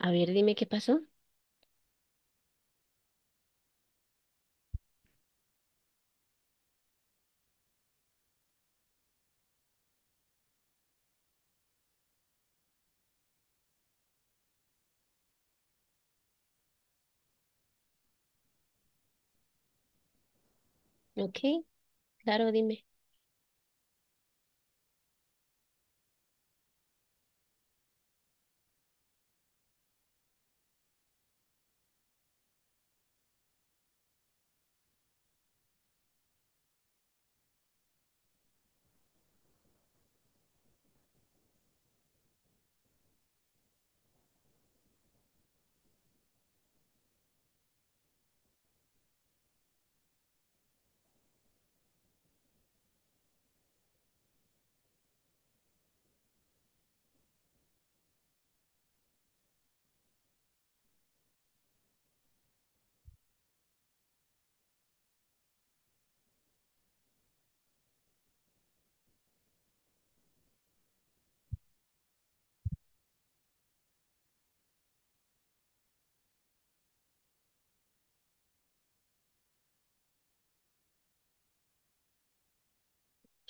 A ver, dime qué pasó. Ok, claro, dime.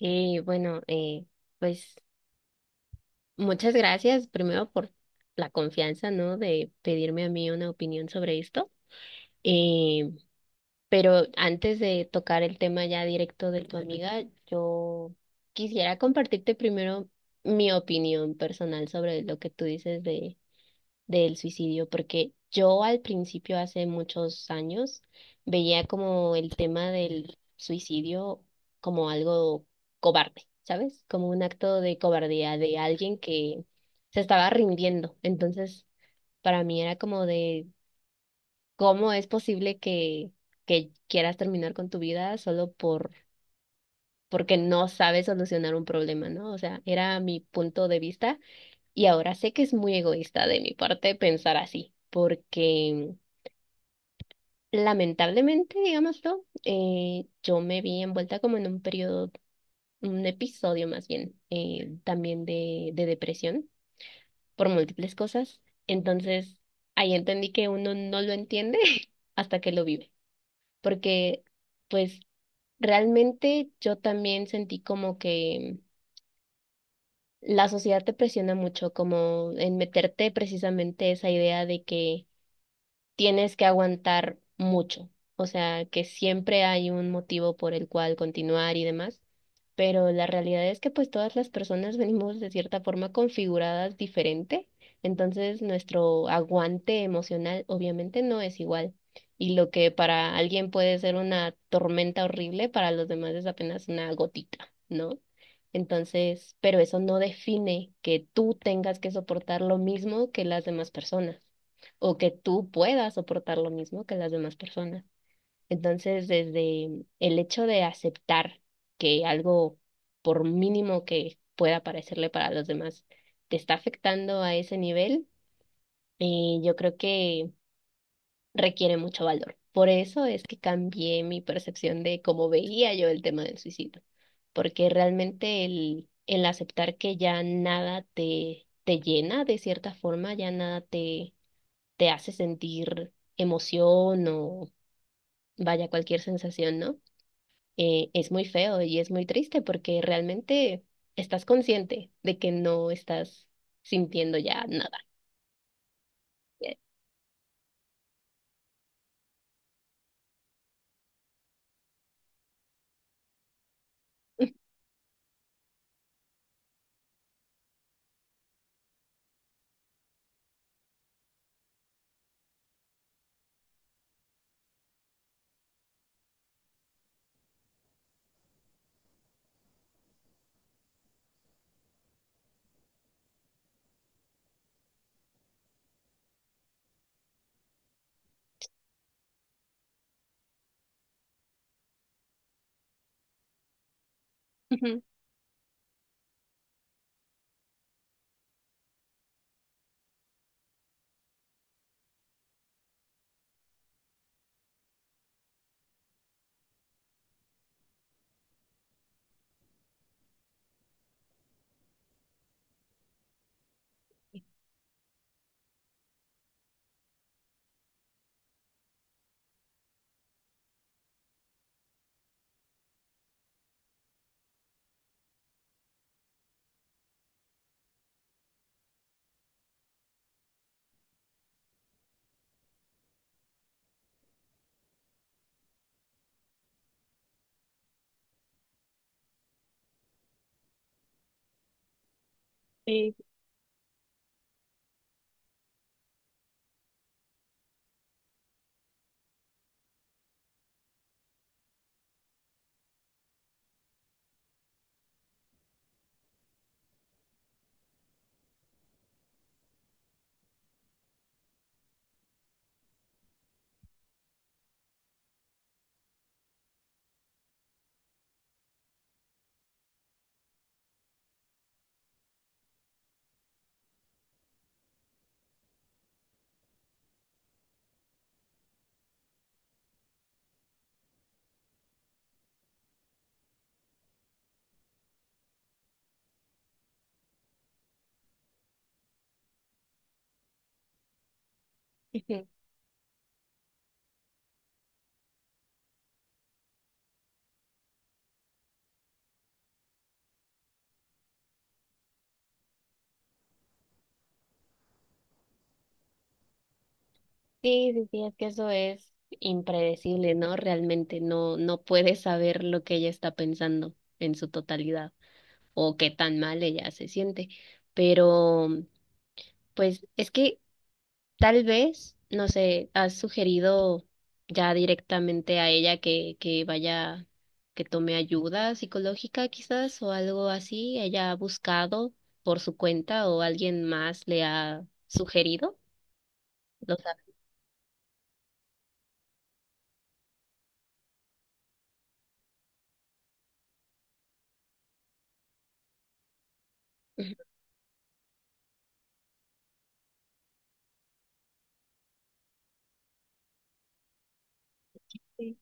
Eh, bueno, eh, pues muchas gracias primero por la confianza, ¿no? De pedirme a mí una opinión sobre esto. Eh, pero antes de tocar el tema ya directo de tu amiga, yo quisiera compartirte primero mi opinión personal sobre lo que tú dices del suicidio, porque yo al principio, hace muchos años, veía como el tema del suicidio como algo cobarde, ¿sabes? Como un acto de cobardía de alguien que se estaba rindiendo. Entonces, para mí era como de cómo es posible que quieras terminar con tu vida solo por... porque no sabes solucionar un problema, ¿no? O sea, era mi punto de vista y ahora sé que es muy egoísta de mi parte pensar así, porque lamentablemente, digámoslo, yo me vi envuelta como en un periodo, un episodio más bien, también de depresión por múltiples cosas. Entonces, ahí entendí que uno no lo entiende hasta que lo vive, porque pues realmente yo también sentí como que la sociedad te presiona mucho, como en meterte precisamente esa idea de que tienes que aguantar mucho, o sea, que siempre hay un motivo por el cual continuar y demás, pero la realidad es que pues todas las personas venimos de cierta forma configuradas diferente, entonces nuestro aguante emocional obviamente no es igual. Y lo que para alguien puede ser una tormenta horrible, para los demás es apenas una gotita, ¿no? Entonces, pero eso no define que tú tengas que soportar lo mismo que las demás personas o que tú puedas soportar lo mismo que las demás personas. Entonces, desde el hecho de aceptar que algo, por mínimo que pueda parecerle para los demás, te está afectando a ese nivel, yo creo que requiere mucho valor. Por eso es que cambié mi percepción de cómo veía yo el tema del suicidio, porque realmente el aceptar que ya nada te llena de cierta forma, ya nada te hace sentir emoción o vaya cualquier sensación, ¿no? Es muy feo y es muy triste porque realmente estás consciente de que no estás sintiendo ya nada. Ujú. Sí, ujú. Sí, sí, sí, sí, es que eso es impredecible, ¿no? Realmente no puedes saber lo que ella está pensando en su totalidad o qué tan mal ella se siente. Pero, pues, es que tal vez, no sé, has sugerido ya directamente a ella que vaya, que tome ayuda psicológica quizás o algo así. ¿Ella ha buscado por su cuenta o alguien más le ha sugerido? ¿Lo sabes? Sí.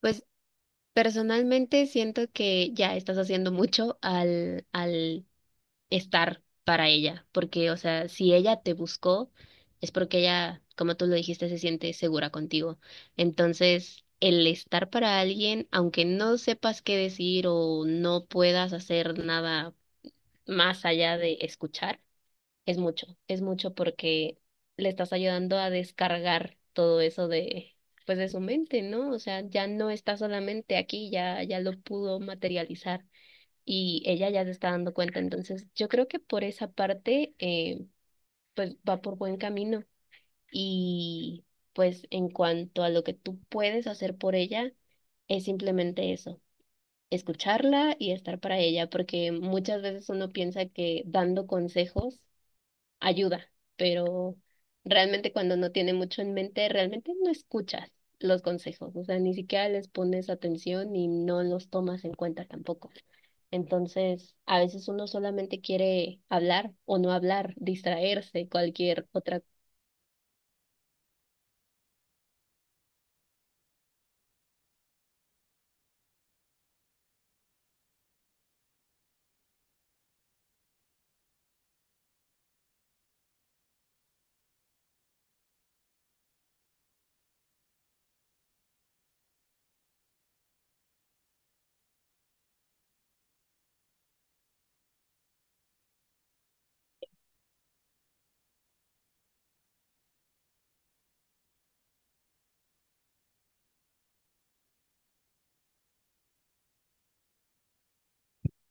Pues personalmente siento que ya estás haciendo mucho al estar para ella, porque, o sea, si ella te buscó, es porque ella, como tú lo dijiste, se siente segura contigo. Entonces, el estar para alguien, aunque no sepas qué decir o no puedas hacer nada más allá de escuchar, es mucho porque le estás ayudando a descargar todo eso de, pues de su mente, ¿no? O sea, ya no está solamente aquí, ya, ya lo pudo materializar y ella ya se está dando cuenta. Entonces, yo creo que por esa parte, pues va por buen camino. Y pues en cuanto a lo que tú puedes hacer por ella, es simplemente eso, escucharla y estar para ella, porque muchas veces uno piensa que dando consejos ayuda, pero realmente cuando no tiene mucho en mente, realmente no escuchas los consejos, o sea, ni siquiera les pones atención y no los tomas en cuenta tampoco. Entonces, a veces uno solamente quiere hablar o no hablar, distraerse, cualquier otra.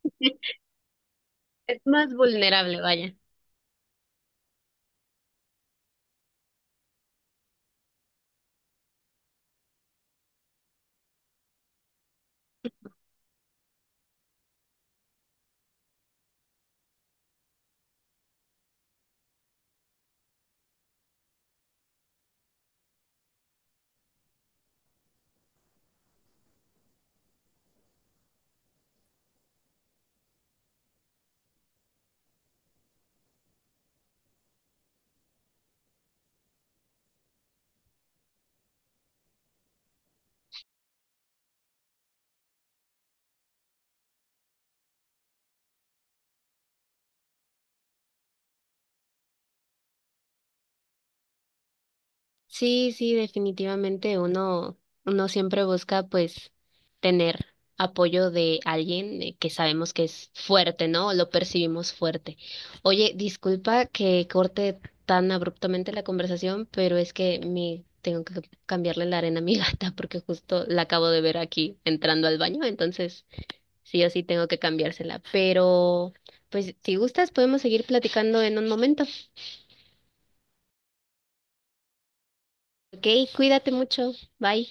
Es más vulnerable, vaya. Sí, sí, definitivamente uno, uno siempre busca pues tener apoyo de alguien que sabemos que es fuerte, ¿no? O lo percibimos fuerte. Oye, disculpa que corte tan abruptamente la conversación, pero es que me tengo que cambiarle la arena a mi gata porque justo la acabo de ver aquí entrando al baño, entonces sí o sí tengo que cambiársela. Pero, pues, si gustas, podemos seguir platicando en un momento. Ok, cuídate mucho. Bye.